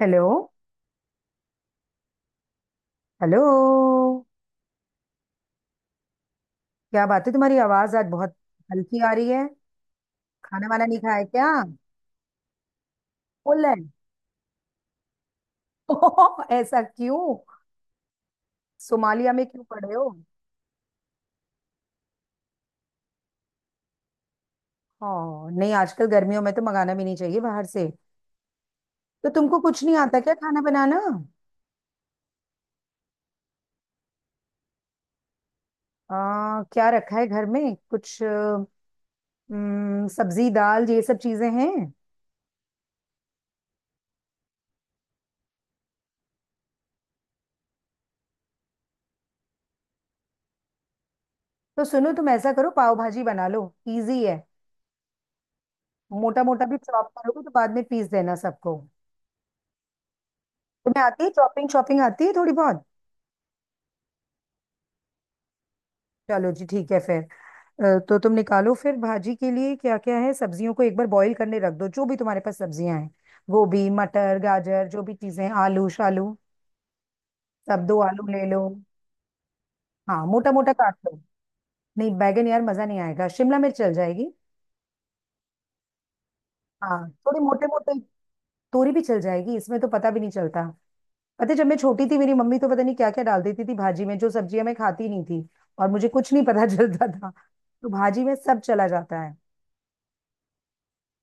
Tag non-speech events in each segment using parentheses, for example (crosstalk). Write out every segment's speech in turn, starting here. Hello. Hello. क्या बात है तुम्हारी आवाज आज बहुत हल्की आ रही है। खाना वाना नहीं खाया क्या। फुल है। (laughs) ऐसा क्यों। सोमालिया में क्यों पड़े हो। हाँ नहीं, आजकल गर्मियों में तो मंगाना भी नहीं चाहिए बाहर से। तो तुमको कुछ नहीं आता क्या खाना बनाना। क्या रखा है घर में कुछ? सब्जी दाल ये सब चीजें हैं। तो सुनो, तुम ऐसा करो, पाव भाजी बना लो। इजी है। मोटा मोटा भी चॉप करोगे तो बाद में पीस देना सबको। तुम्हें आती है चॉपिंग शॉपिंग, आती है थोड़ी बहुत। चलो जी ठीक है फिर। तो तुम निकालो फिर भाजी के लिए क्या क्या है, सब्जियों को एक बार बॉईल करने रख दो, जो भी तुम्हारे पास सब्जियां हैं। गोभी मटर गाजर जो भी चीजें, आलू शालू सब, दो आलू ले लो। हाँ मोटा मोटा काट लो। नहीं, बैगन यार मजा नहीं आएगा, शिमला मिर्च चल जाएगी। हाँ थोड़ी मोटे मोटे। तोरी भी चल जाएगी, इसमें तो पता भी नहीं चलता। पता है, जब मैं छोटी थी, मेरी मम्मी तो पता नहीं क्या क्या डाल देती थी भाजी में, जो सब्जियां मैं खाती नहीं थी, और मुझे कुछ नहीं पता (laughs) चलता था। तो भाजी में सब चला जाता है।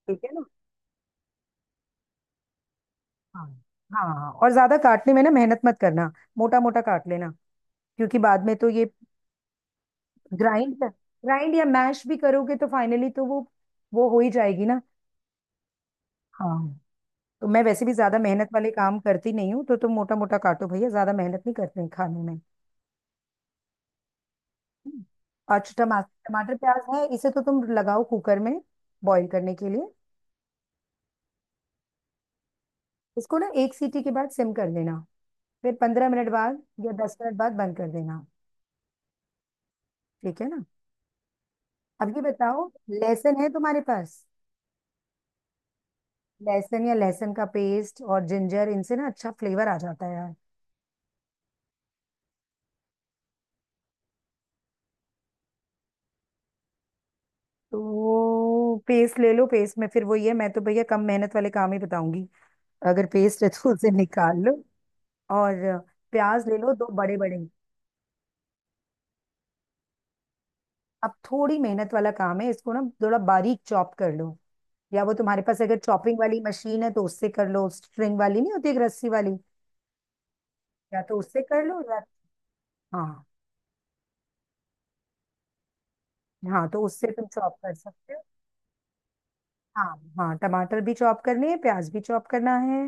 ठीक है ना। हाँ हाँ, हाँ, और ज्यादा काटने में ना मेहनत मत करना। मोटा मोटा काट लेना। क्योंकि बाद में तो ये ग्राइंड कर ग्राइंड या मैश भी करोगे तो फाइनली तो वो, हो ही जाएगी ना। हाँ, तो मैं वैसे भी ज्यादा मेहनत वाले काम करती नहीं हूँ, तो तुम मोटा मोटा काटो भैया, ज्यादा मेहनत नहीं करते हैं खाने में। हम्म। और टमाटर, टमाटर प्याज है इसे तो तुम लगाओ कुकर में बॉईल करने के लिए। इसको ना एक सीटी के बाद सिम कर देना। फिर 15 मिनट बाद या 10 मिनट बाद बंद कर देना। ठीक है ना। अब ये बताओ, लहसुन है तुम्हारे पास। लहसुन या लहसुन का पेस्ट और जिंजर, इनसे ना अच्छा फ्लेवर आ जाता है यार। तो वो पेस्ट ले लो, पेस्ट में फिर वो ये, मैं तो भैया कम मेहनत वाले काम ही बताऊंगी। अगर पेस्ट है तो उसे निकाल लो। और प्याज ले लो दो बड़े बड़े। अब थोड़ी मेहनत वाला काम है, इसको ना थोड़ा बारीक चॉप कर लो। या वो, तुम्हारे पास अगर चॉपिंग वाली मशीन है तो उससे कर लो, स्ट्रिंग वाली नहीं होती, एक रस्सी वाली। या तो उससे कर लो या। हाँ। हाँ तो उससे तुम चॉप कर सकते हो। हाँ, हाँ टमाटर भी चॉप करने हैं, प्याज भी चॉप करना है,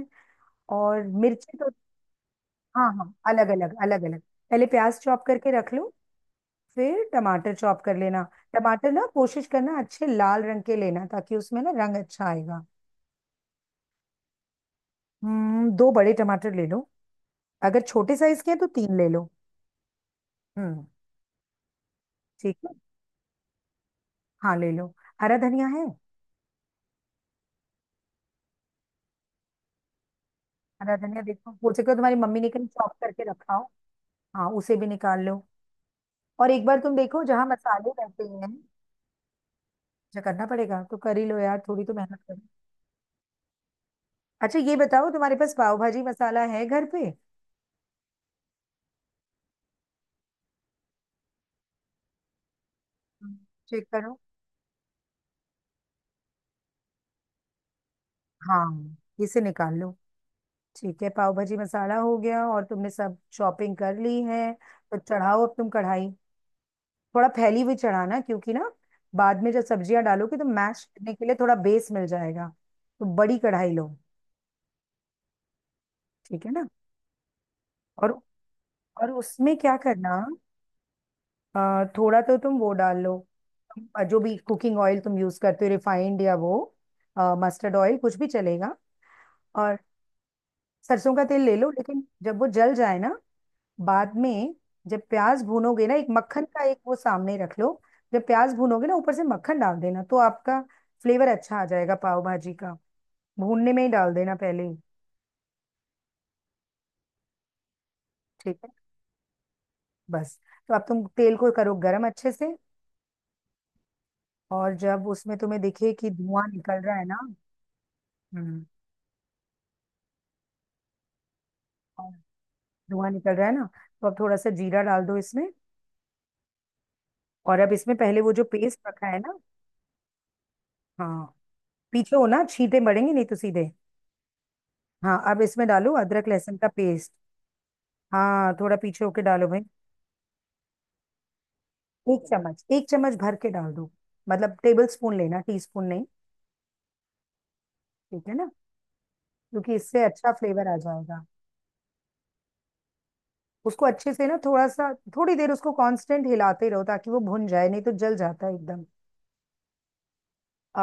और मिर्ची तो। हाँ हाँ, अलग अलग, अलग अलग। पहले प्याज चॉप करके रख लो। फिर टमाटर चॉप कर लेना। टमाटर ना कोशिश करना अच्छे लाल रंग के लेना, ताकि उसमें ना रंग अच्छा आएगा। दो बड़े टमाटर ले लो। अगर छोटे साइज के हैं तो तीन ले लो। हम्म। ठीक है। हाँ ले लो। हरा धनिया है। हरा धनिया देखो, हो सके तो तुम्हारी मम्मी ने कहीं चॉप करके रखा हो। हाँ उसे भी निकाल लो। और एक बार तुम देखो जहाँ मसाले रहते हैं। जो करना पड़ेगा तो कर ही लो यार, थोड़ी तो मेहनत। अच्छा ये बताओ, तुम्हारे पास पाव भाजी मसाला है घर पे। चेक करो। हाँ इसे निकाल लो। ठीक है, पाव भाजी मसाला हो गया, और तुमने सब शॉपिंग कर ली है। तो चढ़ाओ अब तुम कढ़ाई। थोड़ा फैली हुई चढ़ाना, क्योंकि ना बाद में जब सब्जियां डालोगे तो मैश करने के लिए थोड़ा बेस मिल जाएगा। तो बड़ी कढ़ाई लो। ठीक है ना। और और उसमें क्या करना। थोड़ा तो तुम वो डाल लो। जो भी कुकिंग ऑयल तुम यूज करते हो, रिफाइंड या वो मस्टर्ड ऑयल कुछ भी चलेगा। और सरसों का तेल ले लो, लेकिन जब वो जल जाए ना, बाद में जब प्याज भूनोगे ना, एक मक्खन का एक वो सामने रख लो। जब प्याज भूनोगे ना ऊपर से मक्खन डाल देना, तो आपका फ्लेवर अच्छा आ जाएगा पाव भाजी का। भूनने में ही डाल देना पहले ही। ठीक है, बस। तो अब तुम तेल को करो गरम अच्छे से। और जब उसमें तुम्हें दिखे कि धुआं निकल रहा है ना, हम्म और धुआं निकल रहा है ना, तो अब थोड़ा सा जीरा डाल दो इसमें। और अब इसमें पहले वो जो पेस्ट रखा है ना। हाँ, पीछे हो ना छींटे मरेंगे, नहीं तो सीधे। हाँ अब इसमें डालो अदरक लहसुन का पेस्ट। हाँ थोड़ा पीछे होके डालो भाई। एक चम्मच, एक चम्मच भर के डाल दो। मतलब टेबल स्पून लेना, टी स्पून नहीं। ठीक है ना। क्योंकि इससे अच्छा फ्लेवर आ जाएगा। उसको अच्छे से ना थोड़ा सा, थोड़ी देर उसको कांस्टेंट हिलाते रहो, ताकि वो भुन जाए, नहीं तो जल जाता है एकदम।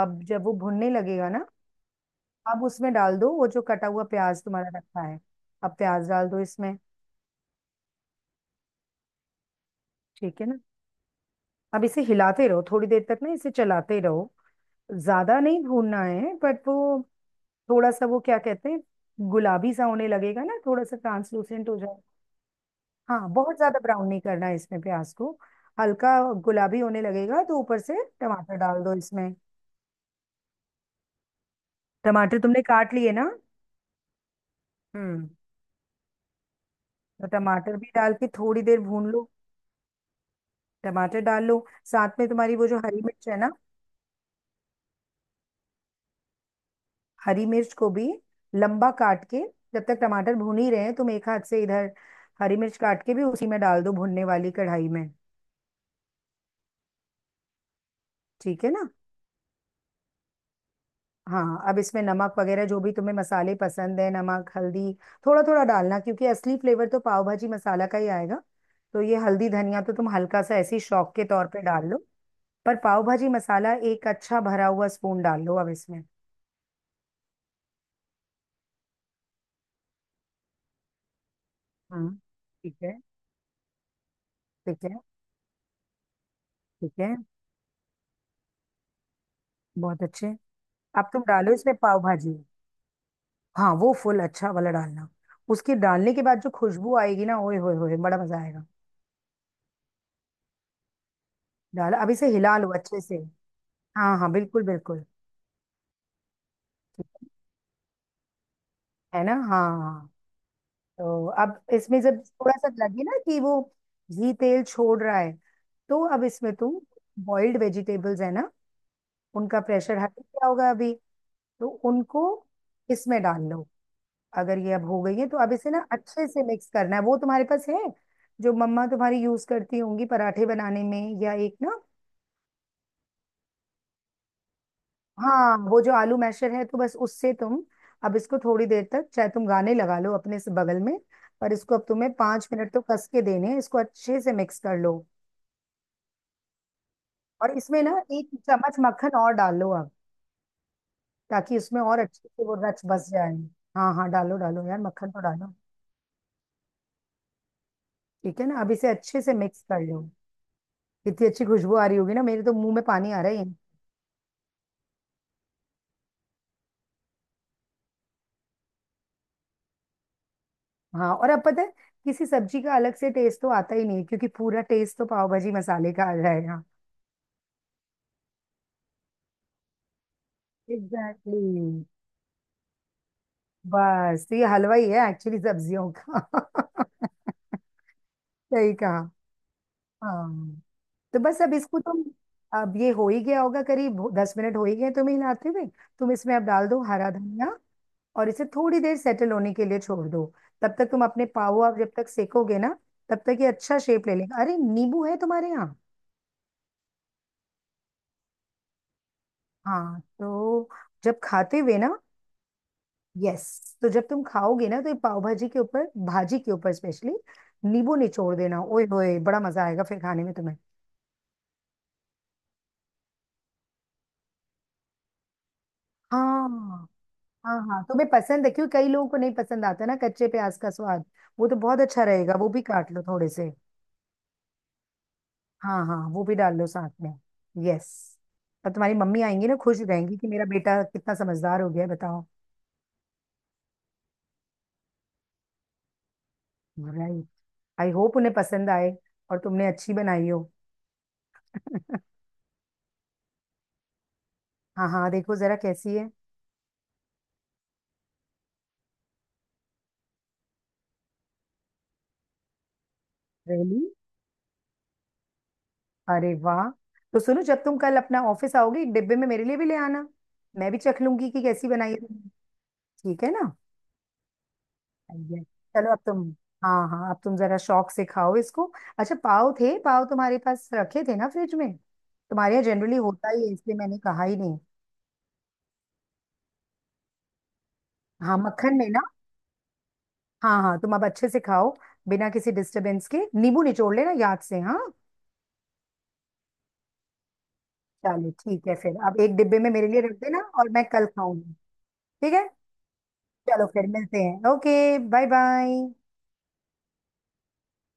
अब जब वो भुनने लगेगा ना, अब उसमें डाल दो वो जो कटा हुआ प्याज तुम्हारा रखा है। अब प्याज डाल दो इसमें। ठीक है ना। अब इसे हिलाते रहो थोड़ी देर तक ना, इसे चलाते रहो। ज्यादा नहीं भूनना है, बट वो थोड़ा सा वो क्या कहते हैं, गुलाबी सा होने लगेगा ना, थोड़ा सा ट्रांसलूसेंट हो जाए। हाँ, बहुत ज्यादा ब्राउन नहीं करना है इसमें प्याज को। हल्का गुलाबी होने लगेगा तो ऊपर से टमाटर डाल दो इसमें। टमाटर तुमने काट लिए ना। हम्म तो टमाटर भी डाल के थोड़ी देर भून लो। टमाटर डाल लो साथ में, तुम्हारी वो जो हरी मिर्च है ना, हरी मिर्च को भी लंबा काट के, जब तक टमाटर भून ही रहे हैं तुम एक हाथ से इधर हरी मिर्च काट के भी उसी में डाल दो, भुनने वाली कढ़ाई में। ठीक है ना। हाँ अब इसमें नमक वगैरह जो भी तुम्हें मसाले पसंद है, नमक हल्दी थोड़ा थोड़ा डालना, क्योंकि असली फ्लेवर तो पाव भाजी मसाला का ही आएगा। तो ये हल्दी धनिया तो तुम हल्का सा ऐसे ही शौक के तौर पे डाल लो। पर पाव भाजी मसाला एक अच्छा भरा हुआ स्पून डाल लो अब इसमें। हम्म। ठीक है। ठीक है। ठीक है। बहुत अच्छे। अब तुम डालो इसमें पाव भाजी, हाँ, वो फुल अच्छा वाला डालना। उसके डालने के बाद जो खुशबू आएगी ना, ओए होए होए, बड़ा मजा आएगा। डाल। अब इसे हिला लो अच्छे से। हाँ हाँ बिल्कुल बिल्कुल। है ना। हाँ तो अब इसमें जब थोड़ा सा लगे ना कि वो घी तेल छोड़ रहा है, तो अब इसमें तुम, बॉइल्ड वेजिटेबल्स है ना, उनका प्रेशर हट गया होगा अभी, तो उनको इसमें डाल लो। अगर ये अब हो गई है, तो अब इसे ना अच्छे से मिक्स करना है, वो तुम्हारे पास है जो मम्मा तुम्हारी यूज करती होंगी पराठे बनाने में, या एक ना, हाँ वो जो आलू मैशर है, तो बस उससे तुम, अब इसको थोड़ी देर तक, चाहे तुम गाने लगा लो अपने से बगल में, पर इसको अब तुम्हें 5 मिनट तो कस के देने हैं, इसको अच्छे से मिक्स कर लो। और इसमें ना एक चम्मच मक्खन और डालो अब, ताकि उसमें और अच्छे से वो रच बस जाए। हाँ हाँ डालो डालो यार, मक्खन तो डालो। ठीक है ना। अब इसे अच्छे से मिक्स कर लो। इतनी अच्छी खुशबू आ रही होगी ना, मेरे तो मुंह में पानी आ रहा है। हाँ। और अब पता है, किसी सब्जी का अलग से टेस्ट तो आता ही नहीं, क्योंकि पूरा टेस्ट तो पाव भाजी मसाले का आ जाएगा। एग्जैक्टली। बस तो ये हलवा ही है एक्चुअली सब्जियों का (laughs) सही कहा। हाँ, तो बस अब इसको तुम, अब ये हो ही गया होगा, करीब 10 मिनट हो ही गए तुम्हें हिलाते हुए। तुम इसमें अब डाल दो हरा धनिया, और इसे थोड़ी देर सेटल होने के लिए छोड़ दो। तब तक तुम अपने पाव, आप जब तक सेकोगे ना, तब तक ये अच्छा शेप ले लेगा। अरे नींबू है तुम्हारे यहाँ। हाँ तो जब खाते हुए ना, यस, तो जब तुम खाओगे ना, तो ये पाव भाजी के ऊपर, भाजी के ऊपर स्पेशली नींबू निचोड़ देना, ओए होए, बड़ा मजा आएगा फिर खाने में तुम्हें। हाँ हाँ। हाँ तुम्हें पसंद है क्यों? कई लोगों को नहीं पसंद आता ना कच्चे प्याज का स्वाद। वो तो बहुत अच्छा रहेगा, वो भी काट लो थोड़े से। हाँ हाँ वो भी डाल लो साथ में। यस। और तुम्हारी मम्मी आएंगी ना, खुश रहेंगी कि मेरा बेटा कितना समझदार हो गया है बताओ। राइट। आई होप उन्हें पसंद आए, और तुमने अच्छी बनाई हो। (laughs) हाँ हाँ, देखो जरा कैसी है। रियली। अरे वाह। तो सुनो, जब तुम कल अपना ऑफिस आओगी, एक डिब्बे में मेरे लिए भी ले आना, मैं भी चख लूंगी कि कैसी बनाई है तुमने। ठीक है ना। आइए। चलो अब तुम, हाँ हाँ अब तुम जरा शौक से खाओ इसको। अच्छा, पाव थे? पाव तुम्हारे पास रखे थे ना फ्रिज में? तुम्हारे यहाँ जनरली होता ही है इसलिए मैंने कहा ही नहीं। हाँ, मक्खन में ना। हाँ हाँ तुम अब अच्छे से खाओ, बिना किसी डिस्टरबेंस के। नींबू निचोड़ लेना याद से, हाँ। चलो ठीक है फिर, अब एक डिब्बे में मेरे लिए रख देना और मैं कल खाऊंगी। ठीक है। चलो फिर मिलते हैं, ओके। Bye bye.